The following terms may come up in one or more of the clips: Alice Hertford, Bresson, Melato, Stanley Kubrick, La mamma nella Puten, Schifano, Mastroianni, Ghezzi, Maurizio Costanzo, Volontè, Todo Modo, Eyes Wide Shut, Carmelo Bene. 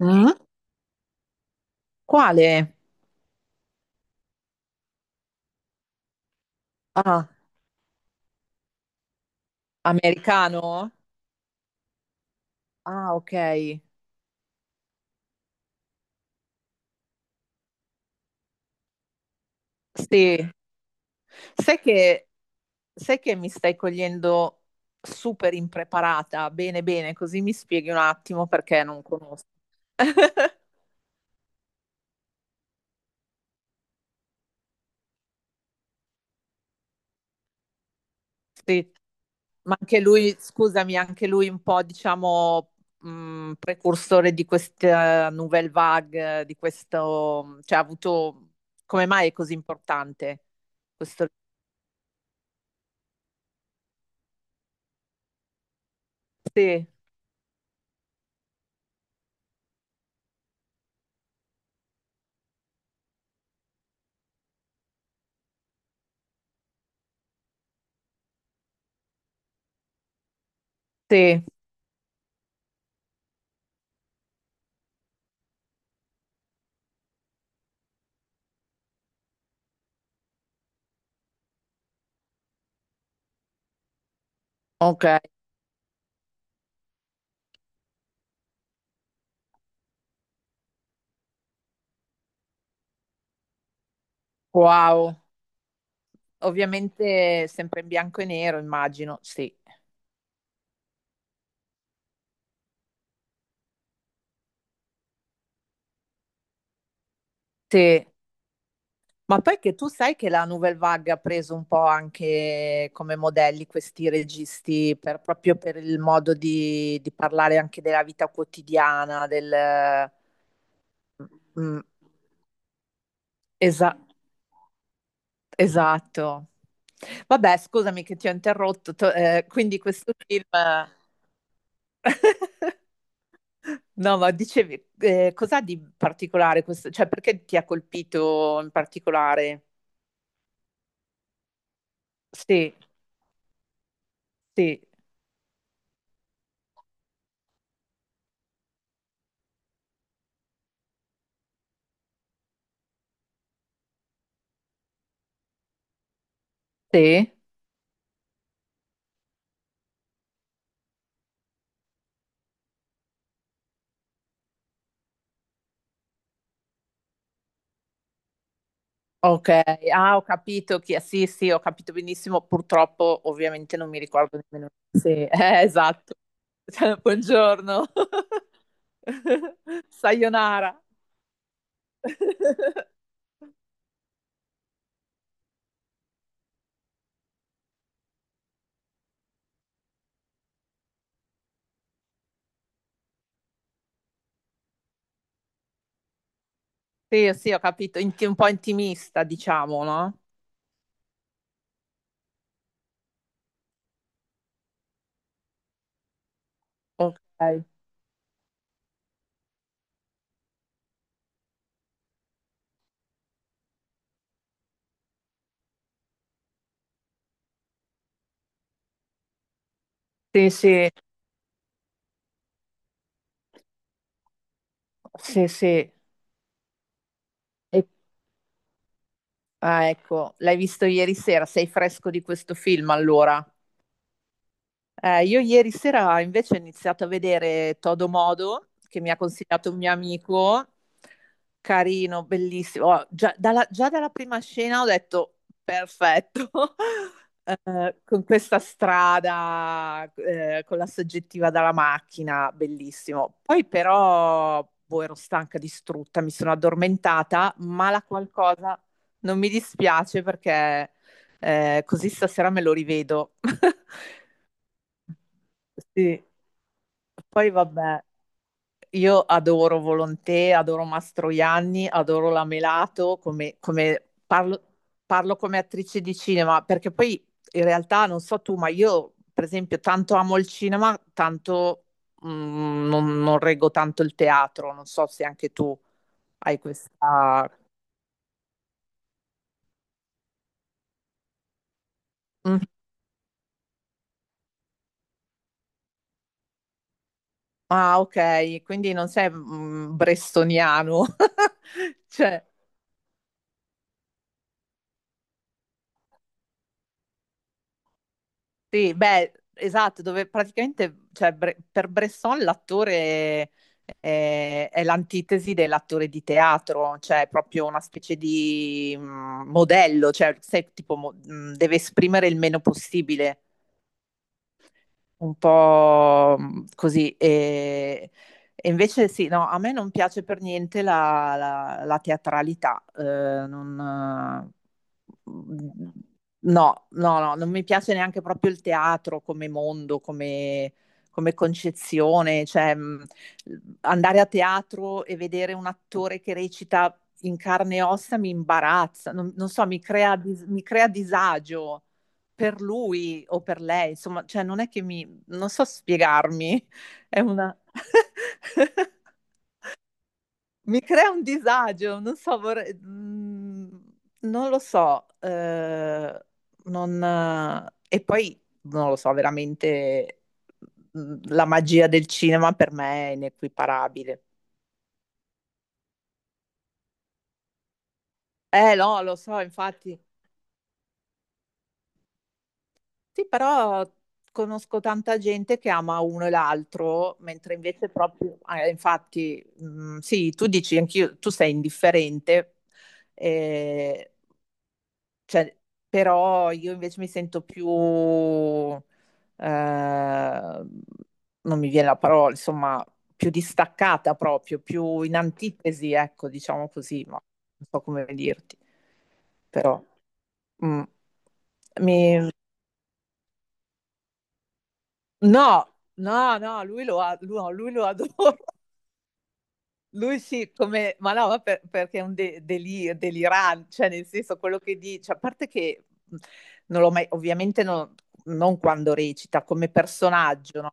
Mm? Quale? Ah, americano? Ah, ok. Sì. Sai che, sai che mi stai cogliendo super impreparata? Bene, bene, così mi spieghi un attimo perché non conosco. Sì, ma anche lui, scusami, anche lui un po', diciamo, precursore di questa Nouvelle Vague, di questo, cioè ha avuto, come mai è così importante questo? Sì, sì, ok, wow. Ovviamente sempre in bianco e nero, immagino, sì. Sì. Ma poi che tu sai che la Nouvelle Vague ha preso un po' anche come modelli questi registi proprio per il modo di parlare anche della vita quotidiana, del. Mm, mm, esa- esatto. Vabbè, scusami che ti ho interrotto. Quindi questo film. No, ma dicevi, cos'ha di particolare questo? Cioè, perché ti ha colpito in particolare? Sì, sì, sì. Ok, ah, ho capito chi è. Sì, sì, ho capito benissimo. Purtroppo, ovviamente, non mi ricordo nemmeno. Sì, esatto. Cioè, buongiorno. Sayonara. Sì, sì, ho capito. Un po' intimista, diciamo, no? Ok. Sì, sì, sì, sì. Ecco, l'hai visto ieri sera. Sei fresco di questo film, allora? Io ieri sera invece ho iniziato a vedere Todo Modo, che mi ha consigliato un mio amico, carino, bellissimo. Oh, già, già dalla prima scena ho detto perfetto. Con questa strada, con la soggettiva dalla macchina, bellissimo. Poi però, boh, ero stanca, distrutta, mi sono addormentata, ma la qualcosa non mi dispiace perché così stasera me lo rivedo. Sì, poi vabbè, io adoro Volontè, adoro Mastroianni, adoro la Melato, parlo come attrice di cinema, perché poi in realtà non so tu, ma io per esempio tanto amo il cinema, tanto non reggo tanto il teatro, non so se anche tu hai questa. Mm. Ah, ok, quindi non sei brestoniano. Cioè. Sì, beh, esatto, dove praticamente, cioè, per Bresson l'attore è l'antitesi dell'attore di teatro, cioè è proprio una specie di modello, cioè se, tipo, deve esprimere il meno possibile un po' così. E invece sì, no, a me non piace per niente la teatralità. Non, no, no, no, non mi piace neanche proprio il teatro come mondo, come concezione. Cioè, andare a teatro e vedere un attore che recita in carne e ossa mi imbarazza, non so, mi crea disagio per lui o per lei, insomma, cioè non è che non so spiegarmi, è una. Mi crea un disagio, non so, vorrei. Non lo so, non. E poi non lo so, veramente la magia del cinema per me è inequiparabile. Eh no, lo so, infatti. Sì, però conosco tanta gente che ama uno e l'altro, mentre invece proprio, infatti, sì, tu dici anch'io, tu sei indifferente, eh, cioè, però io invece mi sento più, non mi viene la parola, insomma, più distaccata proprio, più in antitesi, ecco, diciamo così, ma non so come dirti, però. Mm. Mi, No, no, no, lui lo, a- lui- no, lui lo adora. Lui sì, come, ma no, ma perché è un delirante, cioè nel senso quello che dice, a parte che non l'ho mai, ovviamente non quando recita, come personaggio, no?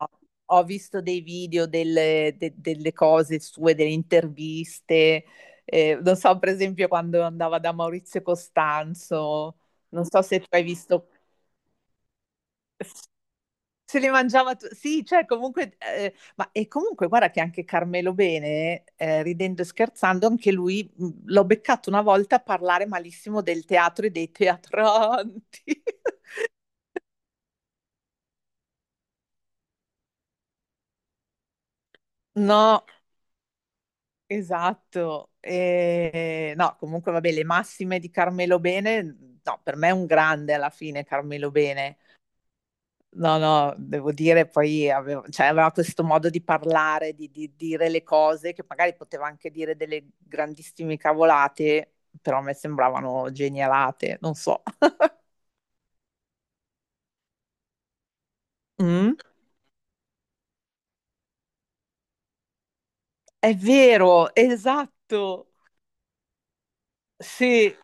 Ho visto dei video delle cose sue, delle interviste, non so, per esempio quando andava da Maurizio Costanzo, non so se tu hai visto. Se li mangiava tu sì, cioè comunque e comunque guarda che anche Carmelo Bene, ridendo e scherzando, anche lui, l'ho beccato una volta a parlare malissimo del teatro e dei teatranti. No, esatto. No, comunque vabbè, le massime di Carmelo Bene, no, per me è un grande alla fine Carmelo Bene. No, no, devo dire, poi cioè, aveva questo modo di parlare, di, dire le cose, che magari poteva anche dire delle grandissime cavolate, però a me sembravano genialate, non so. Mm? È vero, esatto. Sì,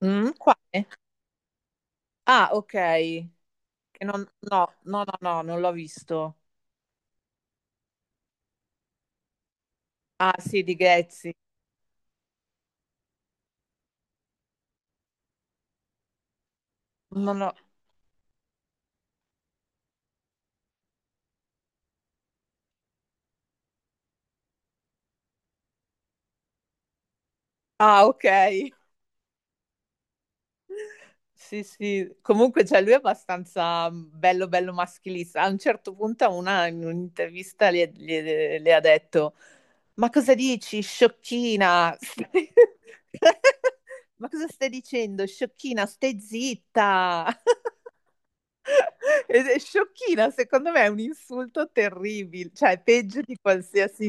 mm, quale? Ah, ok. Che non- No, no, no, no, non l'ho visto. Ah, sì, di Ghezzi. No, no. Ah, ok. Sì, sì, comunque cioè, lui è abbastanza bello, bello maschilista. A un certo punto, in un'intervista le ha detto: ma cosa dici, sciocchina? Ma cosa stai dicendo, sciocchina? Stai zitta. Ed è sciocchina, secondo me è un insulto terribile, cioè è peggio di qualsiasi.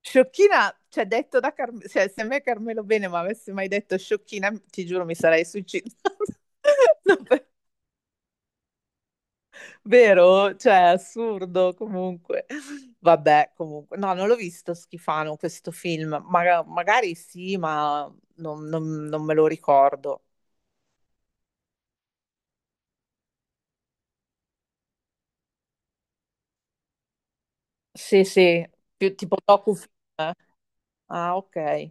Sciocchina, cioè detto da Carmelo, cioè se a me Carmelo Bene mi avesse mai detto sciocchina, ti giuro mi sarei suicidata. No, vero? Cioè, assurdo comunque. Vabbè, comunque. No, non l'ho visto Schifano questo film. Magari sì, ma non me lo ricordo. Sì, sì, più tipo docu, eh? Ah, ok.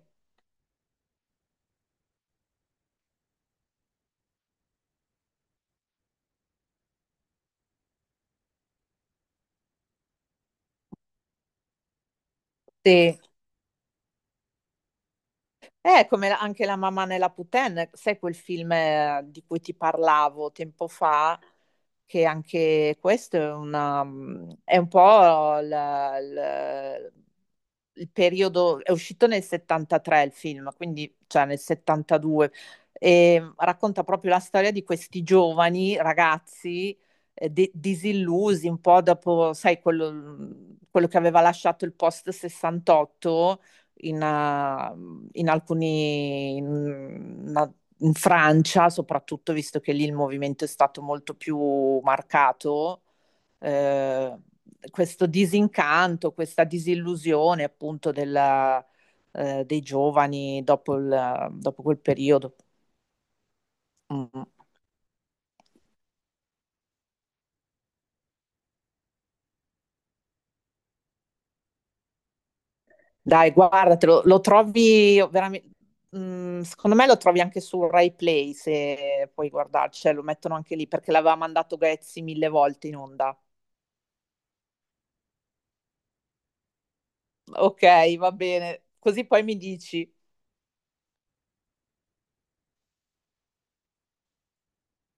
Sì. È come anche La mamma nella Puten, sai quel film di cui ti parlavo tempo fa, che anche questo è, una, è un po' la- la- il periodo, è uscito nel 73 il film, quindi cioè nel 72, e racconta proprio la storia di questi giovani ragazzi disillusi un po' dopo, sai, quello che aveva lasciato il post 68 in, eh, in alcuni, una- in Francia soprattutto, visto che lì il movimento è stato molto più marcato, eh, questo disincanto, questa disillusione appunto dei giovani dopo, dopo quel periodo. Mm. Dai, guardatelo, lo trovi veramente. Secondo me lo trovi anche su Rai Play se puoi guardarci, cioè, lo mettono anche lì perché l'aveva mandato Ghezzi mille volte in onda. Okay, va bene. Così poi mi dici.